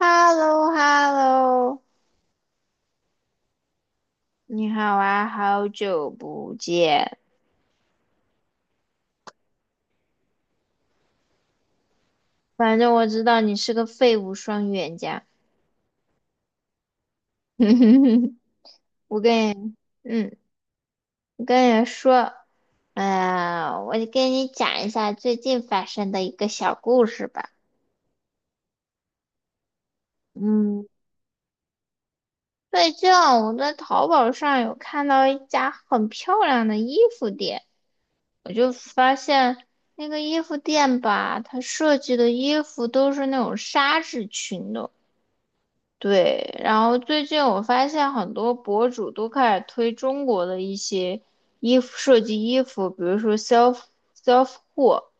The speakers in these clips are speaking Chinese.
h e l l o h e l l o 你好啊，好久不见。反正我知道你是个废物双语言家。我跟你，嗯，我跟你说，呀，我就跟你讲一下最近发生的一个小故事吧。嗯，最近啊我在淘宝上有看到一家很漂亮的衣服店，我就发现那个衣服店吧，它设计的衣服都是那种纱质裙的。对，然后最近我发现很多博主都开始推中国的一些衣服设计衣服，比如说 self 货，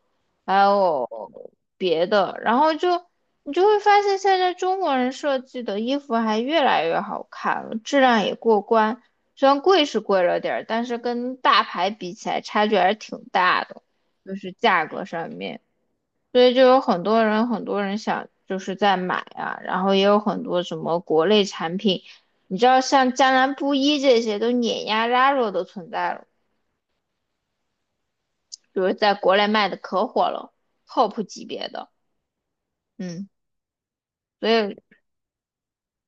还有别的，然后就你就会发现现在中国人设计的衣服还越来越好看了，质量也过关，虽然贵是贵了点儿，但是跟大牌比起来差距还是挺大的，就是价格上面。所以就有很多人，很多人想就是在买啊，然后也有很多什么国内产品，你知道像江南布衣这些都碾压 Zara 的存在了，就是在国内卖的可火了，top 级别的，嗯，所以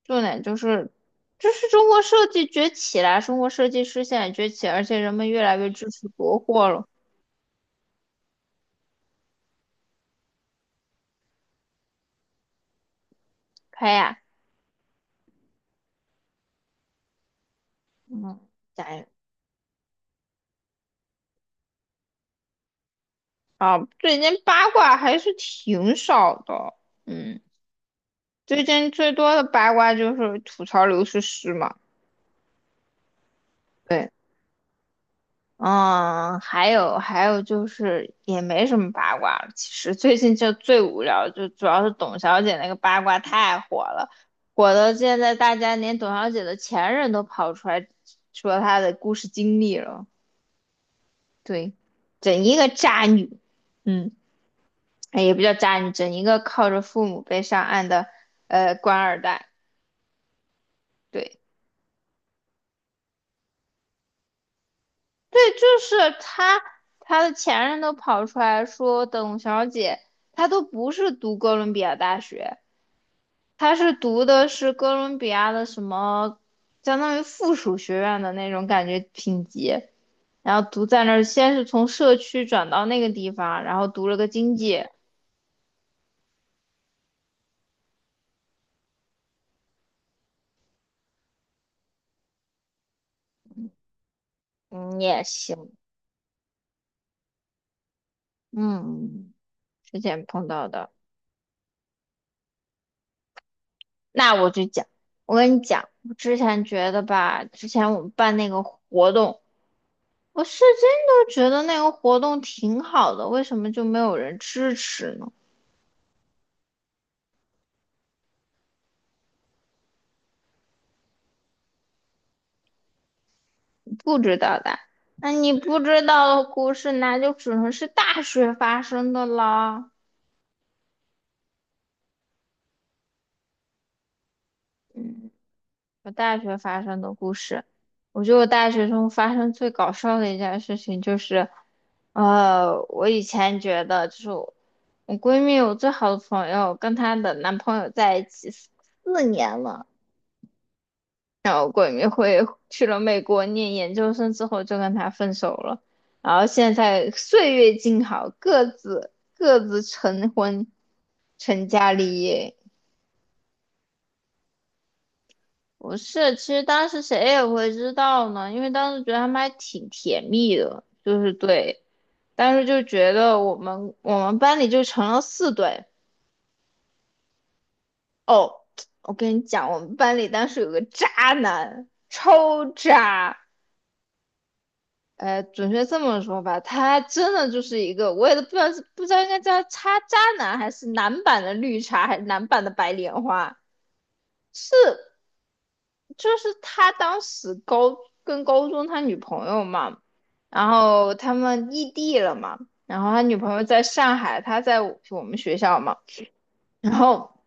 重点就是，就是中国设计崛起啦，中国设计师现在崛起，而且人们越来越支持国货了，开呀，嗯，加油啊，最近八卦还是挺少的，嗯。最近最多的八卦就是吐槽刘诗诗嘛，对，嗯，还有就是也没什么八卦了，其实最近就最无聊，就主要是董小姐那个八卦太火了，火到现在大家连董小姐的前任都跑出来说她的故事经历了，对，整一个渣女，嗯，哎也不叫渣女，整一个靠着父母被上岸的官二代，对，对，就是他，他的前任都跑出来说，董小姐她都不是读哥伦比亚大学，她是读的是哥伦比亚的什么，相当于附属学院的那种感觉品级，然后读在那儿，先是从社区转到那个地方，然后读了个经济，嗯，也行，嗯，之前碰到的，那我就讲，我跟你讲，我之前觉得吧，之前我们办那个活动。我是真的觉得那个活动挺好的，为什么就没有人支持呢？不知道的，那你不知道的故事，那就只能是大学发生的啦。嗯，我大学发生的故事，我觉得我大学中发生最搞笑的一件事情就是，我以前觉得就是我闺蜜，我最好的朋友跟她的男朋友在一起四年了。鬼迷会去了美国念研究生之后就跟他分手了，然后现在岁月静好，各自成婚，成家立业。不是，其实当时谁也会知道呢，因为当时觉得他们还挺甜蜜的，就是对，当时就觉得我们班里就成了四对。哦，我跟你讲，我们班里当时有个渣男，超渣。呃，准确这么说吧，他真的就是一个，我也都不知道是不知道应该叫他渣男，还是男版的绿茶，还是男版的白莲花？是，就是他当时高跟高中他女朋友嘛，然后他们异地了嘛，然后他女朋友在上海，他在我们学校嘛，然后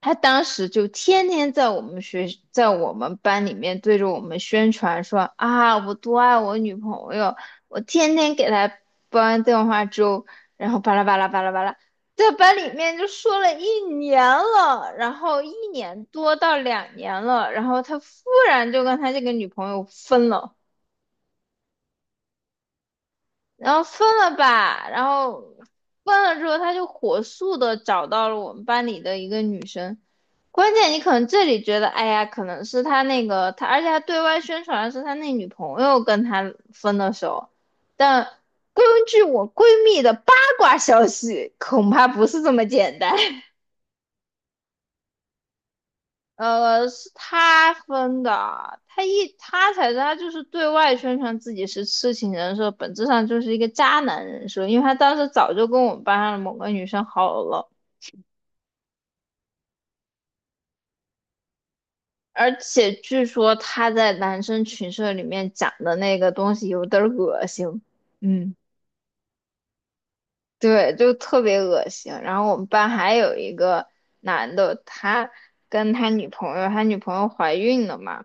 他当时就天天在我们学，在我们班里面对着我们宣传说啊，我多爱我女朋友，我天天给她煲电话粥，然后巴拉巴拉巴拉巴拉，在班里面就说了一年了，然后一年多到两年了，然后他忽然就跟他这个女朋友分了。然后分了吧，然后分了之后，他就火速的找到了我们班里的一个女生。关键你可能这里觉得，哎呀，可能是他那个他，而且他对外宣传的是他那女朋友跟他分的手，但根据我闺蜜的八卦消息，恐怕不是这么简单。呃，是他分的啊，他一他才是他就是对外宣传自己是痴情人设，本质上就是一个渣男人设，因为他当时早就跟我们班上的某个女生好了，而且据说他在男生群社里面讲的那个东西有点儿恶心，嗯。对，就特别恶心。然后我们班还有一个男的，他跟他女朋友，他女朋友怀孕了嘛，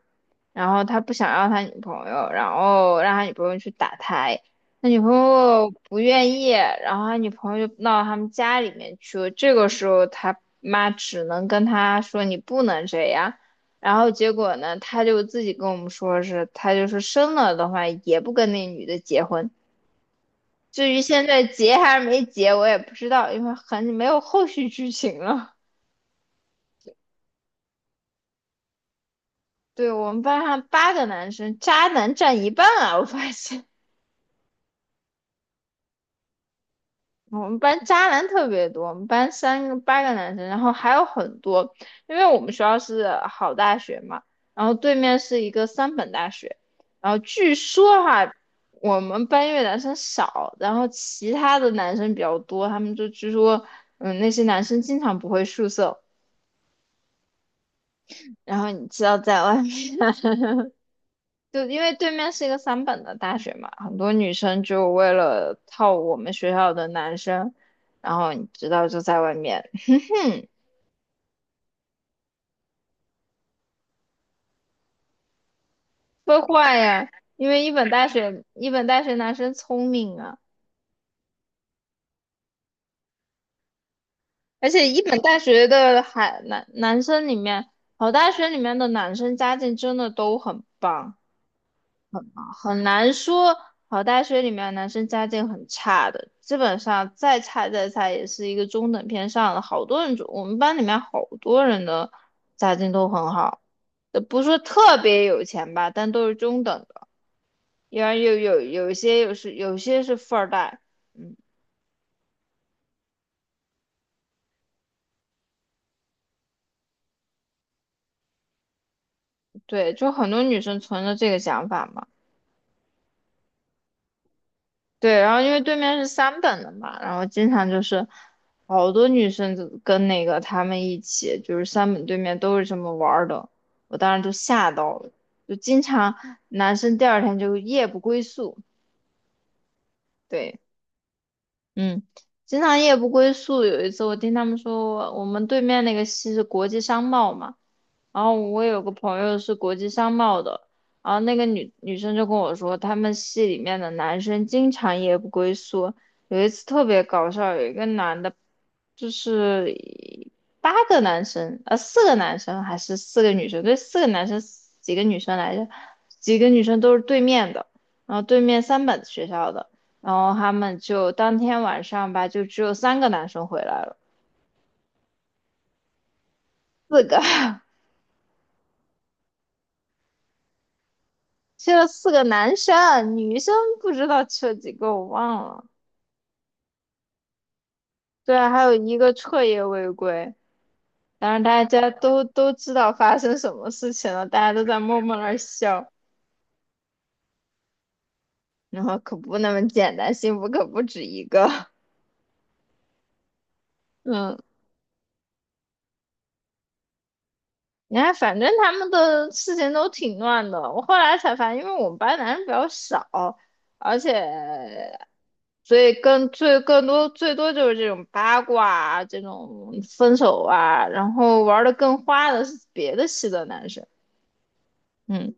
然后他不想要他女朋友，然后让他女朋友去打胎，他女朋友不愿意，然后他女朋友就闹到他们家里面去了。这个时候他妈只能跟他说你不能这样，然后结果呢，他就自己跟我们说是，他就是生了的话也不跟那女的结婚。至于现在结还是没结，我也不知道，因为很没有后续剧情了。对我们班上八个男生，渣男占一半啊！我发现我们班渣男特别多，我们班三个八个男生，然后还有很多，因为我们学校是好大学嘛，然后对面是一个三本大学，然后据说哈，我们班因为男生少，然后其他的男生比较多，他们就据说，嗯，那些男生经常不回宿舍，然后你知道在外面。就因为对面是一个三本的大学嘛，很多女生就为了套我们学校的男生，然后你知道就在外面会坏呀。因为一本大学男生聪明啊，而且一本大学的海男男生里面，好大学里面的男生家境真的都很棒。很难说，好大学里面男生家境很差的，基本上再差也是一个中等偏上的。好多人就，我们班里面好多人的家境都很好，呃不是说特别有钱吧，但都是中等的。因为有一些有是有些是富二代，嗯，对，就很多女生存着这个想法嘛。对，然后因为对面是三本的嘛，然后经常就是好多女生就跟那个他们一起，就是三本对面都是这么玩儿的，我当时就吓到了，就经常男生第二天就夜不归宿，对。嗯，经常夜不归宿。有一次我听他们说我，们对面那个系是国际商贸嘛，然后我有个朋友是国际商贸的，然后那个女生就跟我说，他们系里面的男生经常夜不归宿。有一次特别搞笑，有一个男的，就是八个男生，呃，四个男生还是四个女生？对，四个男生，几个女生来着？几个女生都是对面的，然后对面三本学校的。然后他们就当天晚上吧，就只有三个男生回来了，四个 去了四个男生，女生不知道去了几个，我忘了。对，啊，还有一个彻夜未归，当然大家都知道发生什么事情了，大家都在默默那儿笑，然后可不那么简单，幸福可不止一个，嗯。你看，反正他们的事情都挺乱的。我后来才发现，因为我们班男生比较少，而且所以更最更多最多就是这种八卦啊这种分手啊，然后玩的更花的是别的系的男生。嗯，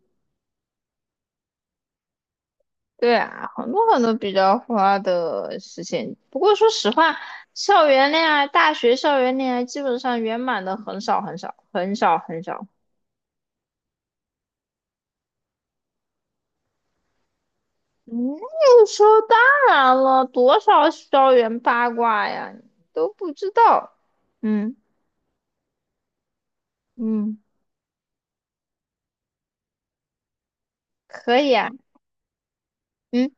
对啊，很多很多比较花的事情。不过说实话，校园恋爱、大学校园恋爱基本上圆满的很少很少很少很少嗯，有说时候当然了，多少校园八卦呀，你都不知道。嗯嗯，可以啊，嗯，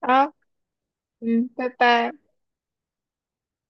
好，嗯，拜拜。